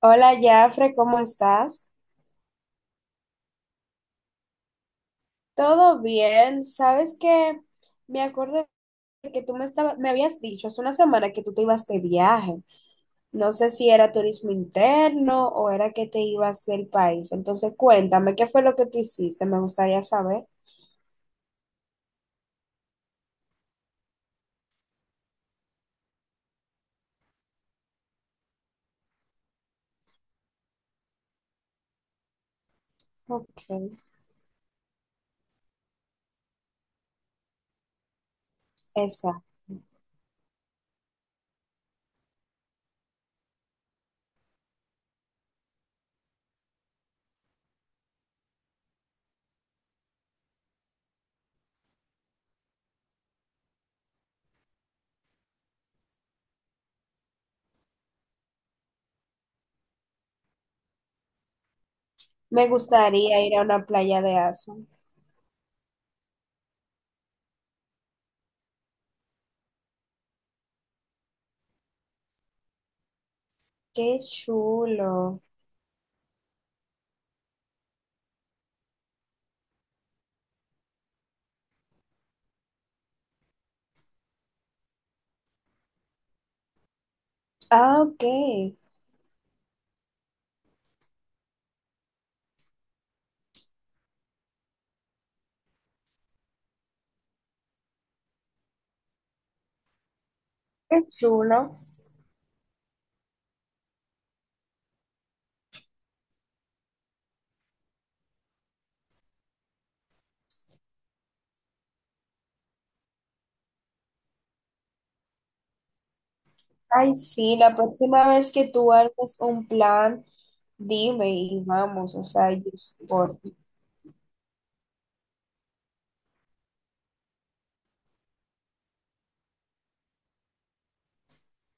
Hola, Jafre, ¿cómo estás? ¿Todo bien? ¿Sabes que me acordé de que me habías dicho hace una semana que tú te ibas de viaje? No sé si era turismo interno o era que te ibas del país. Entonces, cuéntame, ¿qué fue lo que tú hiciste? Me gustaría saber. Ok, esa. Me gustaría ir a una playa de Azul. Qué chulo. Ah, ok. Qué chulo. Ay, sí, la próxima vez que tú armes un plan, dime y vamos, o sea, yo soporto.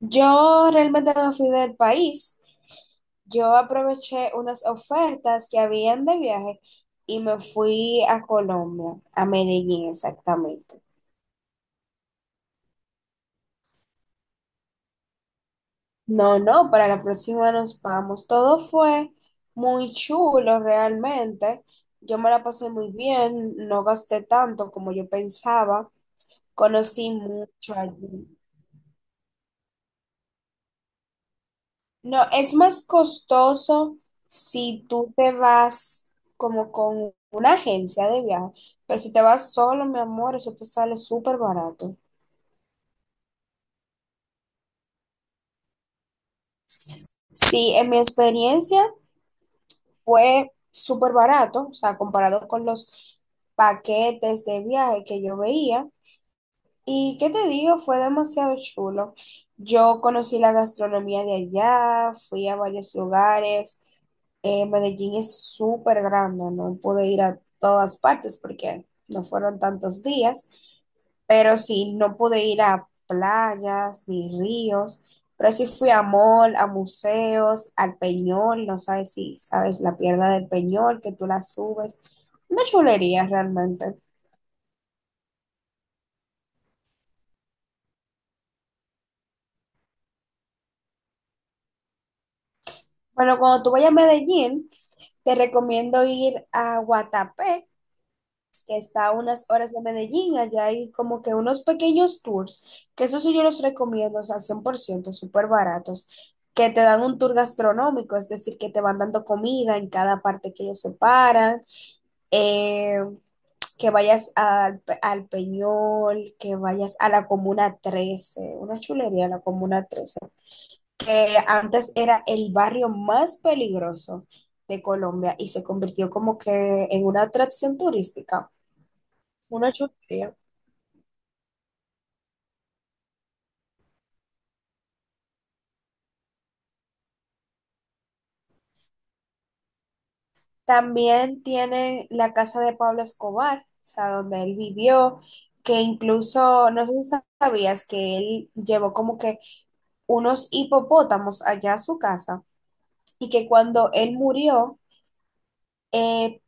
Yo realmente me fui del país. Yo aproveché unas ofertas que habían de viaje y me fui a Colombia, a Medellín exactamente. No, no, para la próxima nos vamos. Todo fue muy chulo realmente. Yo me la pasé muy bien, no gasté tanto como yo pensaba. Conocí mucho allí. No, es más costoso si tú te vas como con una agencia de viaje, pero si te vas solo, mi amor, eso te sale súper barato. Sí, en mi experiencia fue súper barato, o sea, comparado con los paquetes de viaje que yo veía. Y qué te digo, fue demasiado chulo. Yo conocí la gastronomía de allá, fui a varios lugares. Medellín es súper grande, no pude ir a todas partes porque no fueron tantos días, pero sí, no pude ir a playas ni ríos, pero sí fui a mall, a museos, al Peñol. No sabes si sabes la pierna del Peñol, que tú la subes, una chulería realmente. Bueno, cuando tú vayas a Medellín, te recomiendo ir a Guatapé, que está a unas horas de Medellín. Allá hay como que unos pequeños tours, que eso sí yo los recomiendo, o sea, 100% súper baratos, que te dan un tour gastronómico, es decir, que te van dando comida en cada parte que ellos separan. eh, que vayas al, al Peñol, que vayas a la Comuna 13, una chulería la Comuna 13, que antes era el barrio más peligroso de Colombia y se convirtió como que en una atracción turística, una chulería. También tienen la casa de Pablo Escobar, o sea, donde él vivió, que incluso, no sé si sabías que él llevó como que unos hipopótamos allá a su casa. Y que cuando él murió, eh,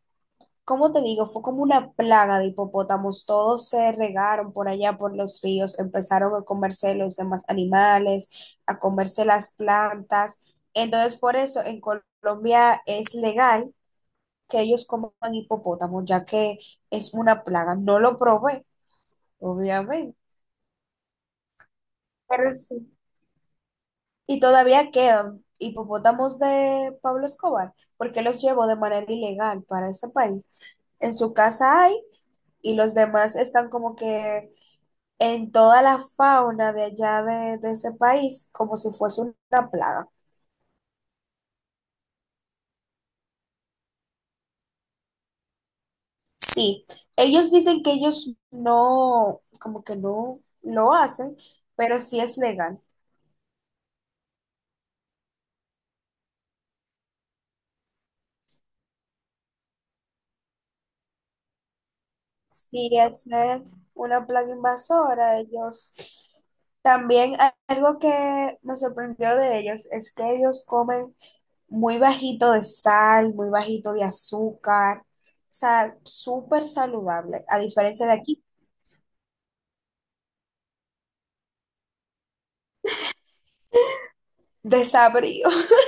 ¿cómo te digo? Fue como una plaga de hipopótamos, todos se regaron por allá por los ríos, empezaron a comerse los demás animales, a comerse las plantas. Entonces, por eso en Colombia es legal que ellos coman hipopótamos, ya que es una plaga. No lo probé, obviamente. Pero sí. Y todavía quedan hipopótamos de Pablo Escobar, porque los llevó de manera ilegal para ese país. En su casa hay, y los demás están como que en toda la fauna de allá de ese país, como si fuese una plaga. Sí, ellos dicen que ellos no, como que no lo hacen, pero sí es legal. Y al ser una plaga invasora, ellos también, algo que nos sorprendió de ellos es que ellos comen muy bajito de sal, muy bajito de azúcar, o sea, súper saludable, a diferencia de aquí, desabrido.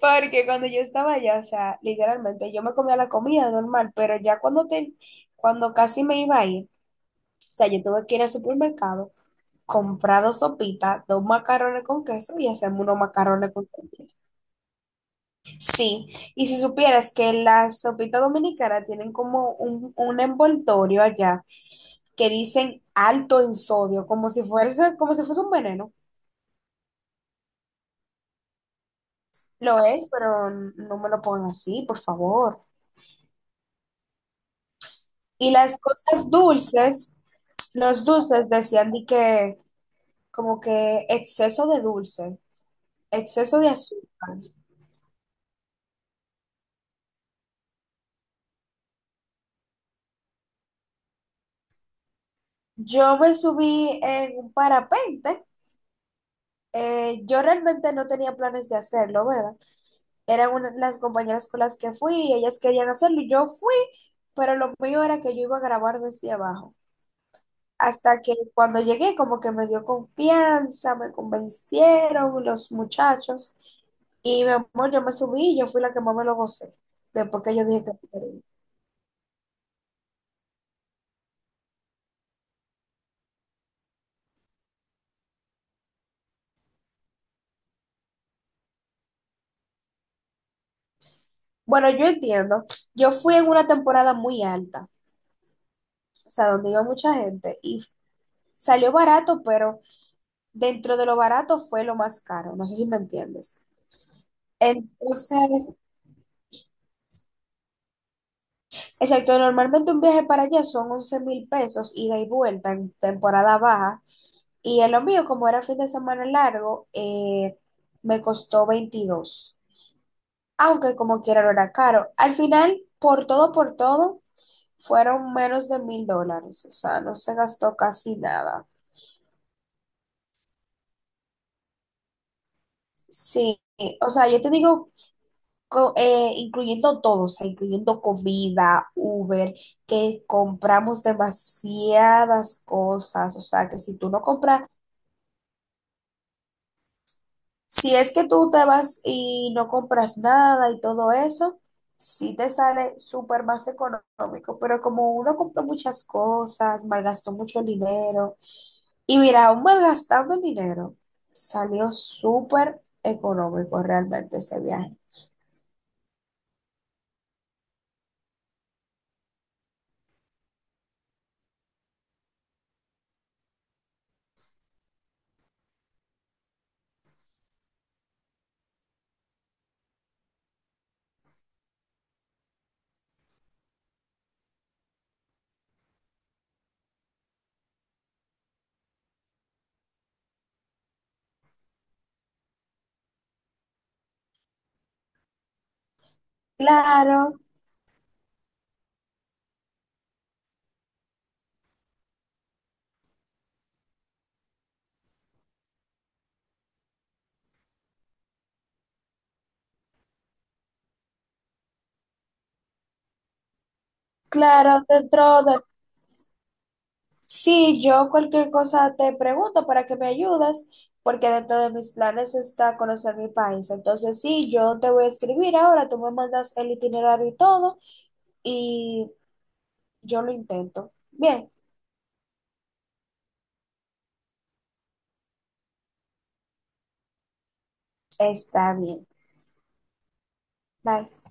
Porque cuando yo estaba allá, o sea, literalmente yo me comía la comida normal, pero ya cuando casi me iba a ir, o sea, yo tuve que ir al supermercado comprado sopita, dos macarrones con queso y hacemos unos macarrones con queso. Sí, y si supieras que las sopitas dominicanas tienen como un envoltorio allá que dicen alto en sodio, como si fuese un veneno. Lo es, pero no me lo pongan así, por favor. Y las cosas dulces, los dulces decían de que como que exceso de dulce, exceso de azúcar. Yo me subí en un parapente. Yo realmente no tenía planes de hacerlo, ¿verdad? Las compañeras con las que fui y ellas querían hacerlo. Y yo fui, pero lo mío era que yo iba a grabar desde abajo. Hasta que cuando llegué, como que me dio confianza, me convencieron los muchachos. Y mi amor, yo me subí y yo fui la que más me lo gocé. Después que yo dije que no quería. Bueno, yo entiendo. Yo fui en una temporada muy alta, o sea, donde iba mucha gente y salió barato, pero dentro de lo barato fue lo más caro, no sé si me entiendes. Entonces, exacto, normalmente un viaje para allá son 11.000 pesos ida y vuelta en temporada baja, y en lo mío, como era fin de semana largo, me costó 22, aunque como quiera no era caro. Al final, por todo, fueron menos de $1.000, o sea, no se gastó casi nada. Sí, o sea, yo te digo incluyendo todo, o sea, incluyendo comida, Uber, que compramos demasiadas cosas, o sea, que si tú no compras, si es que tú te vas y no compras nada y todo eso, sí te sale súper más económico, pero como uno compró muchas cosas, malgastó mucho dinero. Y mira, aún malgastando el dinero, salió súper económico realmente ese viaje. Claro, claro, dentro de, sí, yo cualquier cosa te pregunto para que me ayudes, porque dentro de mis planes está conocer mi país. Entonces, sí, yo te voy a escribir ahora, tú me mandas el itinerario y todo, y yo lo intento. Bien, está bien. Bye.